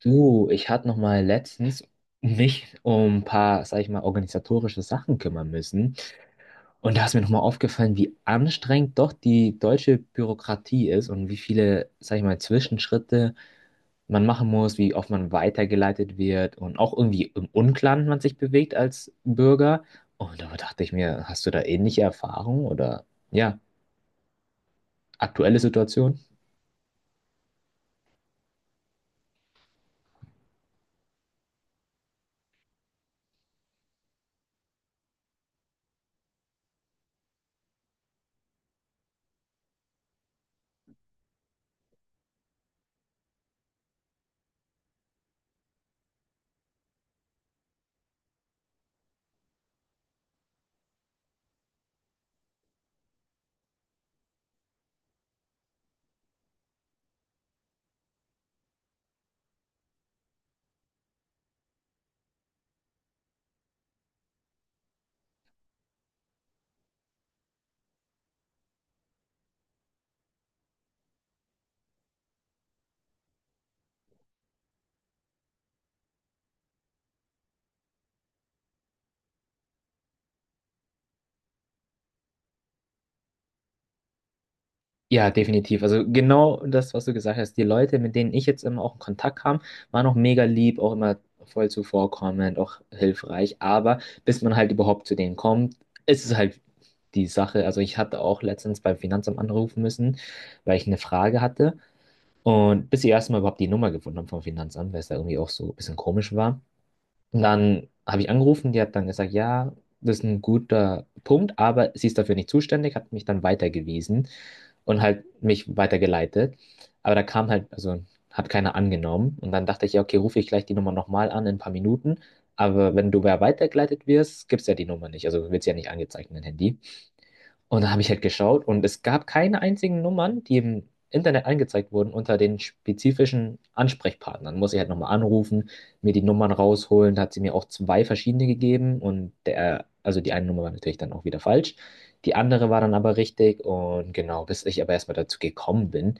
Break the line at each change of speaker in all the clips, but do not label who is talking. Du, ich hatte noch mal letztens mich um ein paar, sag ich mal, organisatorische Sachen kümmern müssen. Und da ist mir noch mal aufgefallen, wie anstrengend doch die deutsche Bürokratie ist und wie viele, sag ich mal, Zwischenschritte man machen muss, wie oft man weitergeleitet wird und auch irgendwie im Unklaren man sich bewegt als Bürger. Und da dachte ich mir, hast du da ähnliche Erfahrungen oder ja, aktuelle Situation? Ja, definitiv. Also genau das, was du gesagt hast. Die Leute, mit denen ich jetzt immer auch in Kontakt kam, waren auch mega lieb, auch immer voll zuvorkommend, auch hilfreich. Aber bis man halt überhaupt zu denen kommt, ist es halt die Sache. Also ich hatte auch letztens beim Finanzamt anrufen müssen, weil ich eine Frage hatte. Und bis sie erstmal überhaupt die Nummer gefunden haben vom Finanzamt, weil es da irgendwie auch so ein bisschen komisch war. Und dann habe ich angerufen, die hat dann gesagt, ja, das ist ein guter Punkt, aber sie ist dafür nicht zuständig, hat mich dann weitergewiesen und halt mich weitergeleitet. Aber da kam halt, also hat keiner angenommen. Und dann dachte ich, ja, okay, rufe ich gleich die Nummer nochmal an in ein paar Minuten. Aber wenn du wer weitergeleitet wirst, gibt es ja die Nummer nicht. Also wird es ja nicht angezeigt in dein Handy. Und dann habe ich halt geschaut und es gab keine einzigen Nummern, die im Internet angezeigt wurden unter den spezifischen Ansprechpartnern. Muss ich halt nochmal anrufen, mir die Nummern rausholen. Da hat sie mir auch zwei verschiedene gegeben und der, also die eine Nummer war natürlich dann auch wieder falsch. Die andere war dann aber richtig und genau, bis ich aber erstmal dazu gekommen bin,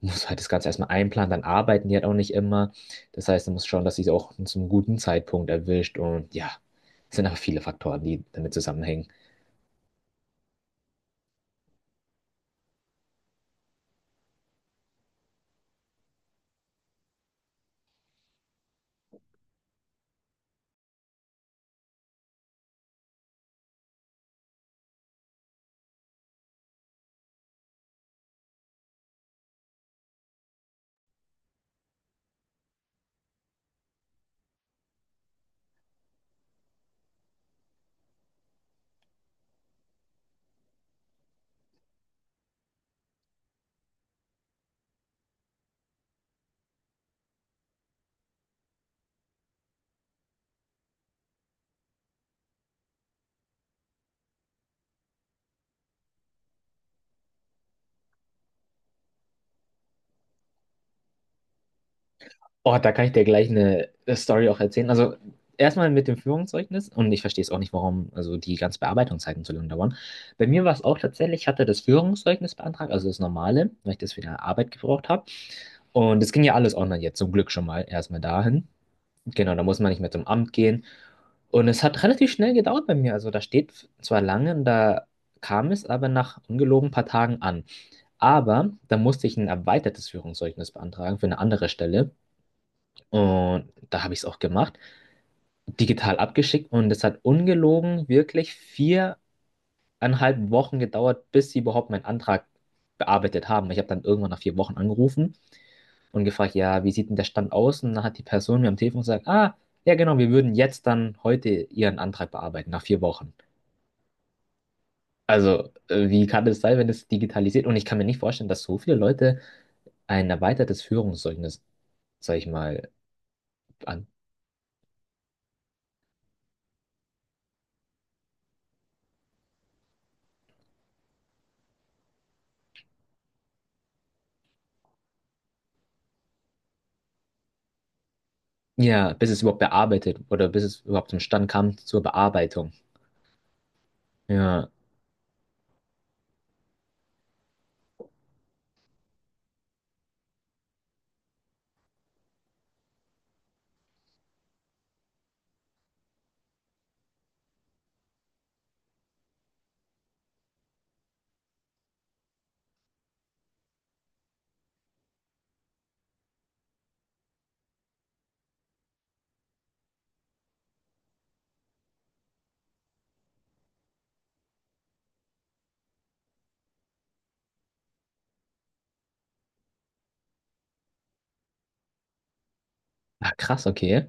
muss halt das Ganze erstmal einplanen, dann arbeiten die halt auch nicht immer. Das heißt, man muss schauen, dass sie es auch zum guten Zeitpunkt erwischt und ja, es sind aber viele Faktoren, die damit zusammenhängen. Oh, da kann ich dir gleich eine Story auch erzählen. Also erstmal mit dem Führungszeugnis und ich verstehe es auch nicht, warum also die ganzen Bearbeitungszeiten so lange dauern. Bei mir war es auch tatsächlich, ich hatte das Führungszeugnis beantragt, also das normale, weil ich das für die Arbeit gebraucht habe. Und es ging ja alles online jetzt, zum Glück schon mal erstmal dahin. Genau, da muss man nicht mehr zum Amt gehen. Und es hat relativ schnell gedauert bei mir. Also da steht zwar lange, und da kam es aber nach ungelogen ein paar Tagen an. Aber da musste ich ein erweitertes Führungszeugnis beantragen für eine andere Stelle. Und da habe ich es auch gemacht, digital abgeschickt und es hat ungelogen wirklich 4,5 Wochen gedauert, bis sie überhaupt meinen Antrag bearbeitet haben. Ich habe dann irgendwann nach 4 Wochen angerufen und gefragt, ja, wie sieht denn der Stand aus? Und dann hat die Person mir am Telefon gesagt, ah, ja genau, wir würden jetzt dann heute Ihren Antrag bearbeiten, nach 4 Wochen. Also, wie kann das sein, wenn es digitalisiert? Und ich kann mir nicht vorstellen, dass so viele Leute ein erweitertes Führungszeugnis, sag ich mal, an. Ja, bis es überhaupt bearbeitet oder bis es überhaupt zum Stand kam zur Bearbeitung. Ja. Ach, krass, okay.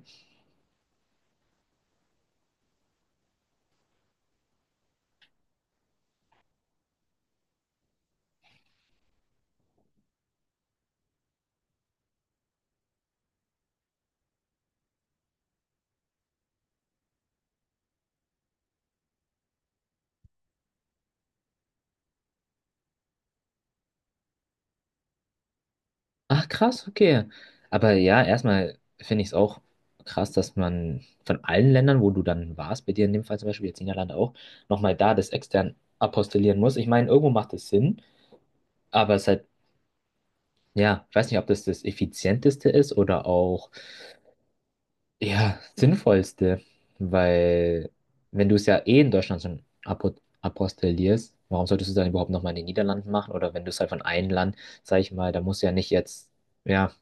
Ach, krass, okay. Aber ja, erstmal finde ich es auch krass, dass man von allen Ländern, wo du dann warst, bei dir in dem Fall zum Beispiel, jetzt Niederlande auch, nochmal da das extern apostillieren muss. Ich meine, irgendwo macht es Sinn, aber es ist halt, ja, ich weiß nicht, ob das das Effizienteste ist oder auch. Ja, sinnvollste, weil wenn du es ja eh in Deutschland schon apostillierst, warum solltest du es dann überhaupt nochmal in den Niederlanden machen? Oder wenn du es halt von einem Land, sag ich mal, da musst du ja nicht jetzt, ja,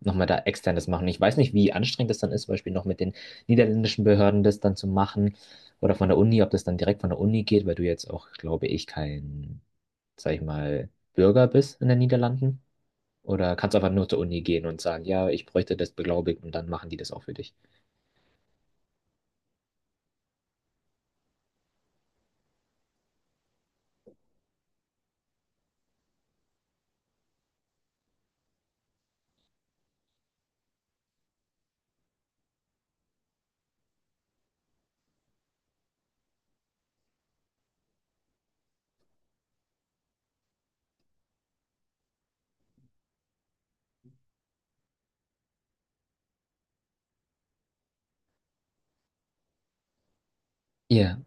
nochmal da externes machen. Ich weiß nicht, wie anstrengend das dann ist, zum Beispiel noch mit den niederländischen Behörden das dann zu machen oder von der Uni, ob das dann direkt von der Uni geht, weil du jetzt auch, glaube ich, kein, sag ich mal, Bürger bist in den Niederlanden. Oder kannst einfach nur zur Uni gehen und sagen, ja, ich bräuchte das beglaubigt und dann machen die das auch für dich. Ja.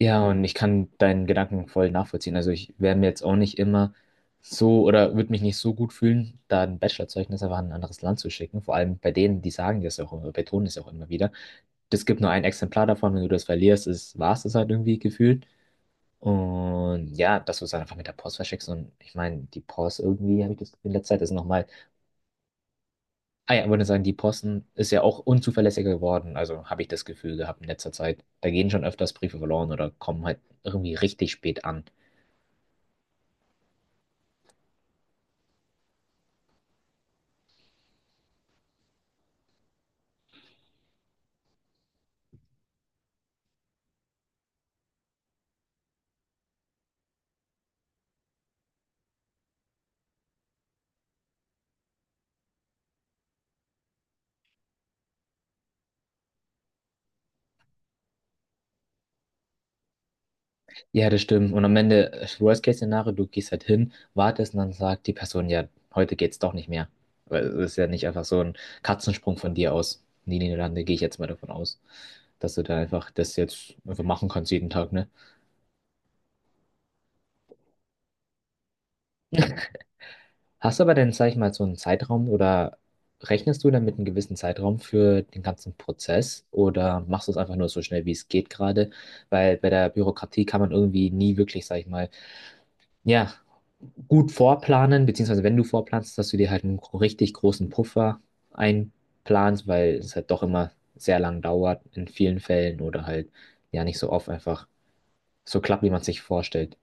Ja, und ich kann deinen Gedanken voll nachvollziehen. Also ich wäre mir jetzt auch nicht immer so oder würde mich nicht so gut fühlen, da ein Bachelorzeugnis einfach an ein anderes Land zu schicken. Vor allem bei denen, die sagen das ja auch immer, betonen es auch immer wieder. Es gibt nur ein Exemplar davon, wenn du das verlierst, ist, war es das halt irgendwie gefühlt. Und ja, dass du es dann einfach mit der Post verschickst. Und ich meine, die Post irgendwie, habe ich das in letzter Zeit, ist nochmal. Ah ja, ich würde sagen, die Posten ist ja auch unzuverlässiger geworden. Also habe ich das Gefühl gehabt in letzter Zeit. Da gehen schon öfters Briefe verloren oder kommen halt irgendwie richtig spät an. Ja, das stimmt. Und am Ende, Worst-Case-Szenario, du gehst halt hin, wartest und dann sagt die Person, ja, heute geht's doch nicht mehr. Weil es ist ja nicht einfach so ein Katzensprung von dir aus. In die Niederlande gehe ich jetzt mal davon aus, dass du da einfach das jetzt einfach machen kannst jeden Tag, ne? Hast du aber dann, sag ich mal, so einen Zeitraum oder rechnest du dann mit einem gewissen Zeitraum für den ganzen Prozess oder machst du es einfach nur so schnell, wie es geht gerade? Weil bei der Bürokratie kann man irgendwie nie wirklich, sag ich mal, ja, gut vorplanen, beziehungsweise wenn du vorplanst, dass du dir halt einen richtig großen Puffer einplanst, weil es halt doch immer sehr lang dauert in vielen Fällen oder halt ja nicht so oft einfach so klappt, wie man es sich vorstellt.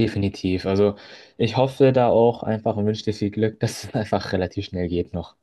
Definitiv. Also ich hoffe da auch einfach und wünsche dir viel Glück, dass es einfach relativ schnell geht noch.